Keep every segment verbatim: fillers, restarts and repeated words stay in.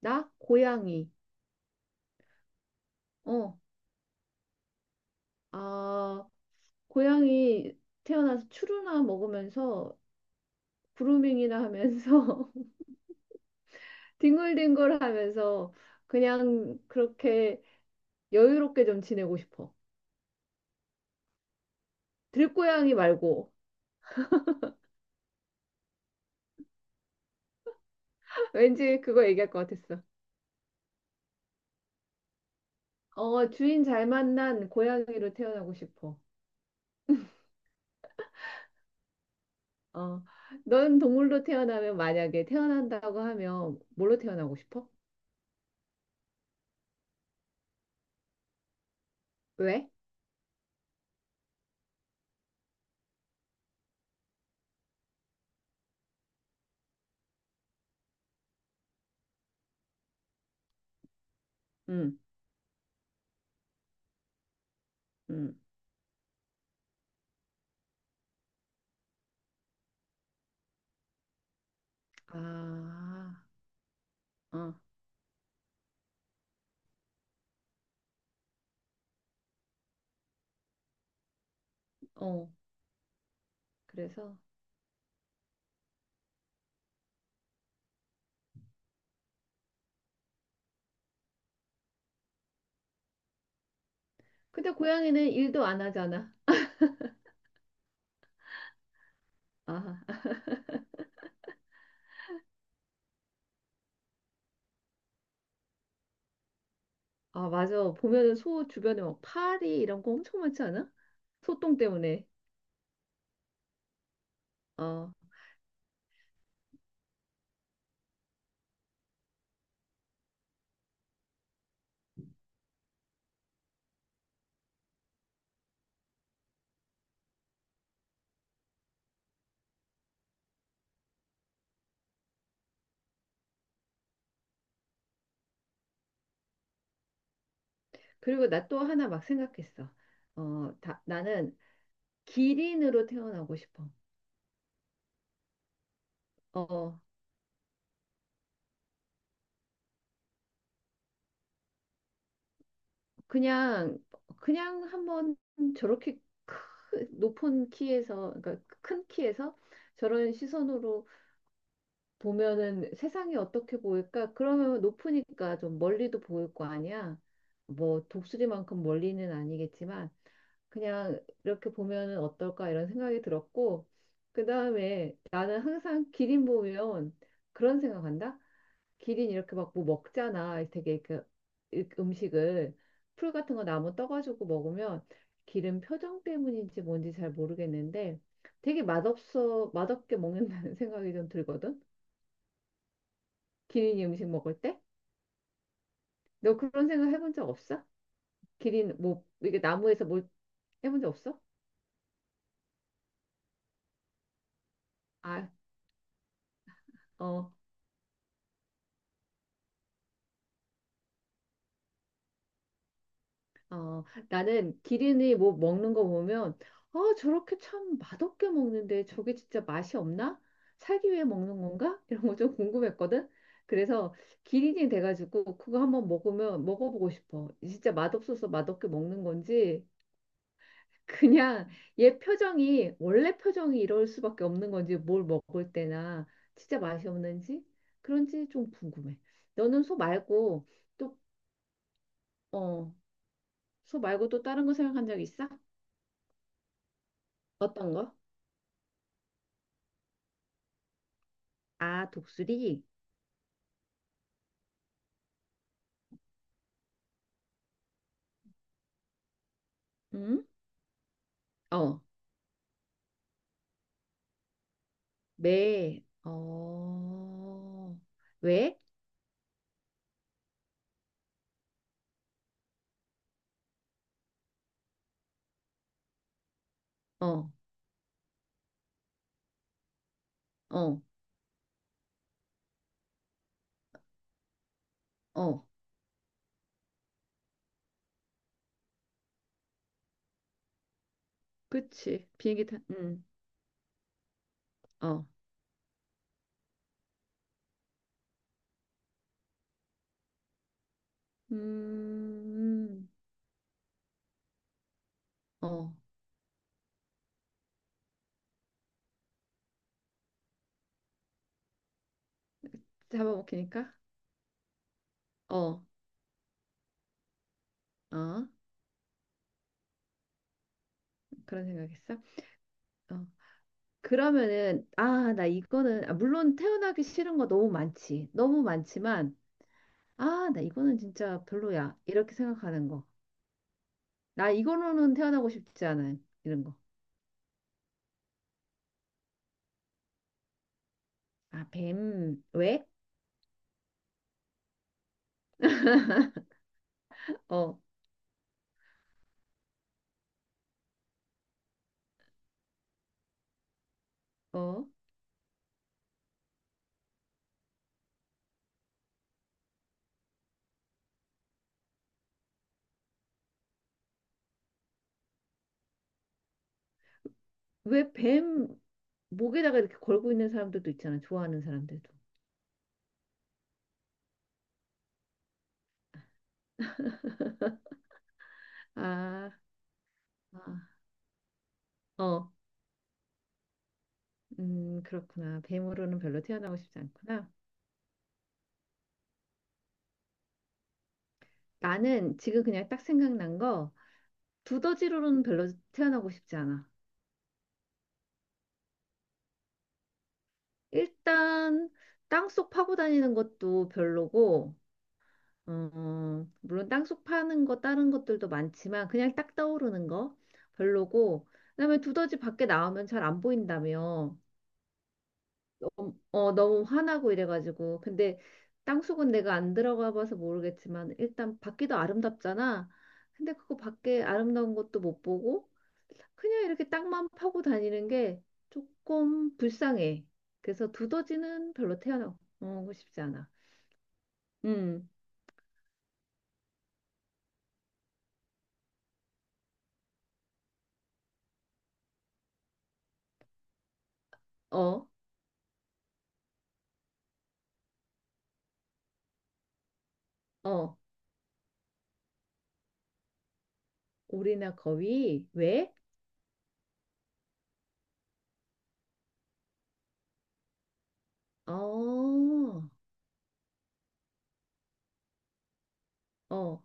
나? 고양이. 어, 아, 고양이 태어나서 추루나 먹으면서 그루밍이나 하면서 뒹굴뒹굴 하면서 그냥 그렇게 여유롭게 좀 지내고 싶어. 들고양이 말고. 왠지 그거 얘기할 것 같았어. 어, 주인 잘 만난 고양이로 태어나고 싶어. 어, 넌 동물로 태어나면 만약에 태어난다고 하면 뭘로 태어나고 싶어? 왜? 응, 응. 아, 어, 어. 그래서 근데 고양이는 일도 안 하잖아. 아, 아, 맞아. 보면은 소 주변에 막 파리 이런 거 엄청 많지 않아? 소똥 때문에. 어. 그리고 나 또 하나 막 생각했어. 어, 다, 나는 기린으로 태어나고 싶어. 어, 그냥, 그냥 한번 저렇게 크, 높은 키에서, 그러니까 큰 키에서 저런 시선으로 보면은 세상이 어떻게 보일까? 그러면 높으니까 좀 멀리도 보일 거 아니야? 뭐 독수리만큼 멀리는 아니겠지만 그냥 이렇게 보면은 어떨까 이런 생각이 들었고 그다음에 나는 항상 기린 보면 그런 생각한다. 기린 이렇게 막 뭐 먹잖아. 되게 그 이- 음식을 풀 같은 거 나무 떠가지고 먹으면 기린 표정 때문인지 뭔지 잘 모르겠는데 되게 맛없어 맛없게 먹는다는 생각이 좀 들거든. 기린이 음식 먹을 때? 너 그런 생각 해본 적 없어? 기린 뭐 이게 나무에서 뭘 해본 적 없어? 아, 어, 어, 나는 기린이 뭐 먹는 거 보면 아, 저렇게 참 맛없게 먹는데 저게 진짜 맛이 없나? 살기 위해 먹는 건가? 이런 거 좀 궁금했거든. 그래서 기린이 돼가지고 그거 한번 먹으면 먹어보고 싶어. 진짜 맛없어서 맛없게 먹는 건지 그냥 얘 표정이 원래 표정이 이럴 수밖에 없는 건지 뭘 먹을 때나 진짜 맛이 없는지 그런지 좀 궁금해. 너는 소 말고 또, 어, 소 말고 또 다른 거 생각한 적 있어? 어떤 거? 아, 독수리? 응? 어, 매, 어, 왜? 어, 어, 어, 그치. 비행기 타, 응, 어, 음, 어, 잡아먹히니까? 어, 어, 그런 생각했어? 어, 그러면은 아, 나 이거는 아, 물론 태어나기 싫은 거 너무 많지. 너무 많지만 아, 나 이거는 진짜 별로야. 이렇게 생각하는 거. 나 이거로는 태어나고 싶지 않은 이런 거. 아, 뱀. 왜? 어, 어. 왜 뱀 목에다가 이렇게 걸고 있는 사람들도 있잖아. 좋아하는 사람들도. 아, 아, 어. 음, 그렇구나. 뱀으로는 별로 태어나고 싶지 않구나. 나는 지금 그냥 딱 생각난 거 두더지로는 별로 태어나고 싶지 않아. 일단 땅속 파고 다니는 것도 별로고, 어, 물론 땅속 파는 거 다른 것들도 많지만 그냥 딱 떠오르는 거 별로고, 그다음에 두더지 밖에 나오면 잘 안 보인다며, 너무- 어, 너무 화나고 이래가지고, 근데 땅속은 내가 안 들어가 봐서 모르겠지만 일단 밖이도 아름답잖아. 근데 그거 밖에 아름다운 것도 못 보고. 그냥 이렇게 땅만 파고 다니는 게 조금 불쌍해. 그래서 두더지는 별로 태어나고 싶지 않아. 음, 어, 어, 오리나 거위, 왜? 어, 어,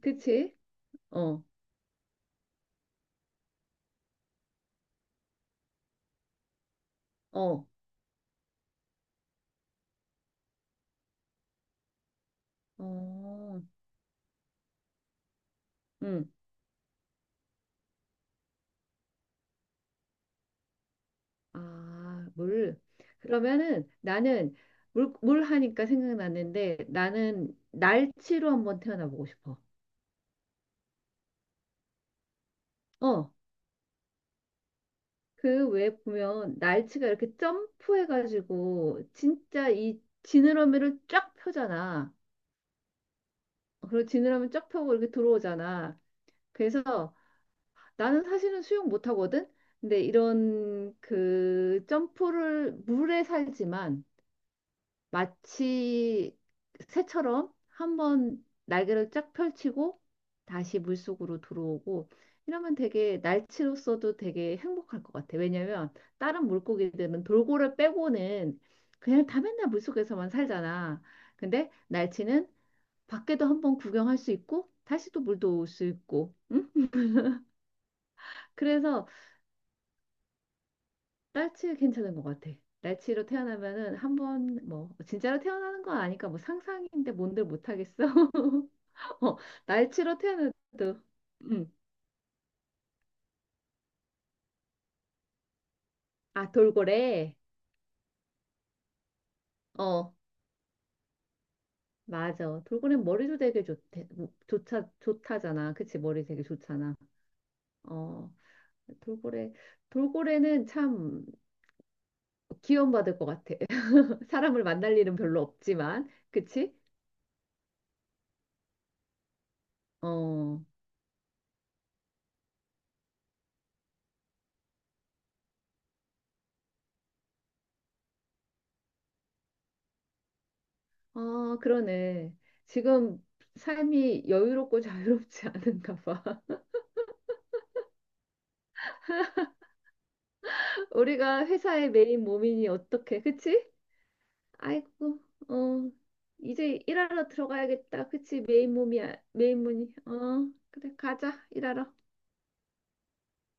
그치? 어, 어, 어, 음, 아, 물. 그러면은 나는 물, 물 하니까 생각났는데 나는 날치로 한번 태어나보고 싶어. 어, 그 외에 보면 날치가 이렇게 점프해가지고 진짜 이 지느러미를 쫙 펴잖아. 그리고 지느러미 쫙 펴고 이렇게 들어오잖아. 그래서 나는 사실은 수영 못하거든. 근데 이런 그 점프를 물에 살지만 마치 새처럼 한번 날개를 쫙 펼치고 다시 물속으로 들어오고 이러면 되게 날치로서도 되게 행복할 것 같아. 왜냐면 다른 물고기들은 돌고래 빼고는 그냥 다 맨날 물속에서만 살잖아. 근데 날치는 밖에도 한번 구경할 수 있고 다시 또 물도 올 수 있고. 응? 그래서 날치 괜찮은 것 같아. 날치로 태어나면은 한번 뭐 진짜로 태어나는 건 아니까 뭐 상상인데 뭔들 못하겠어. 어, 날치로 태어나도. 응. 아, 돌고래. 어, 맞아. 돌고래 머리도 되게 좋대. 좋다, 좋다잖아. 그치? 머리 되게 좋잖아. 어, 돌고래. 돌고래는 참 기원받을 것 같아. 사람을 만날 일은 별로 없지만. 그치? 어, 아, 그러네. 지금 삶이 여유롭고 자유롭지 않은가 봐. 우리가 회사의 메인 몸이니 어떻게, 그치? 아이고, 어, 이제 일하러 들어가야겠다. 그치? 메인 몸이, 야 메인 문이. 어, 그래, 가자, 일하러.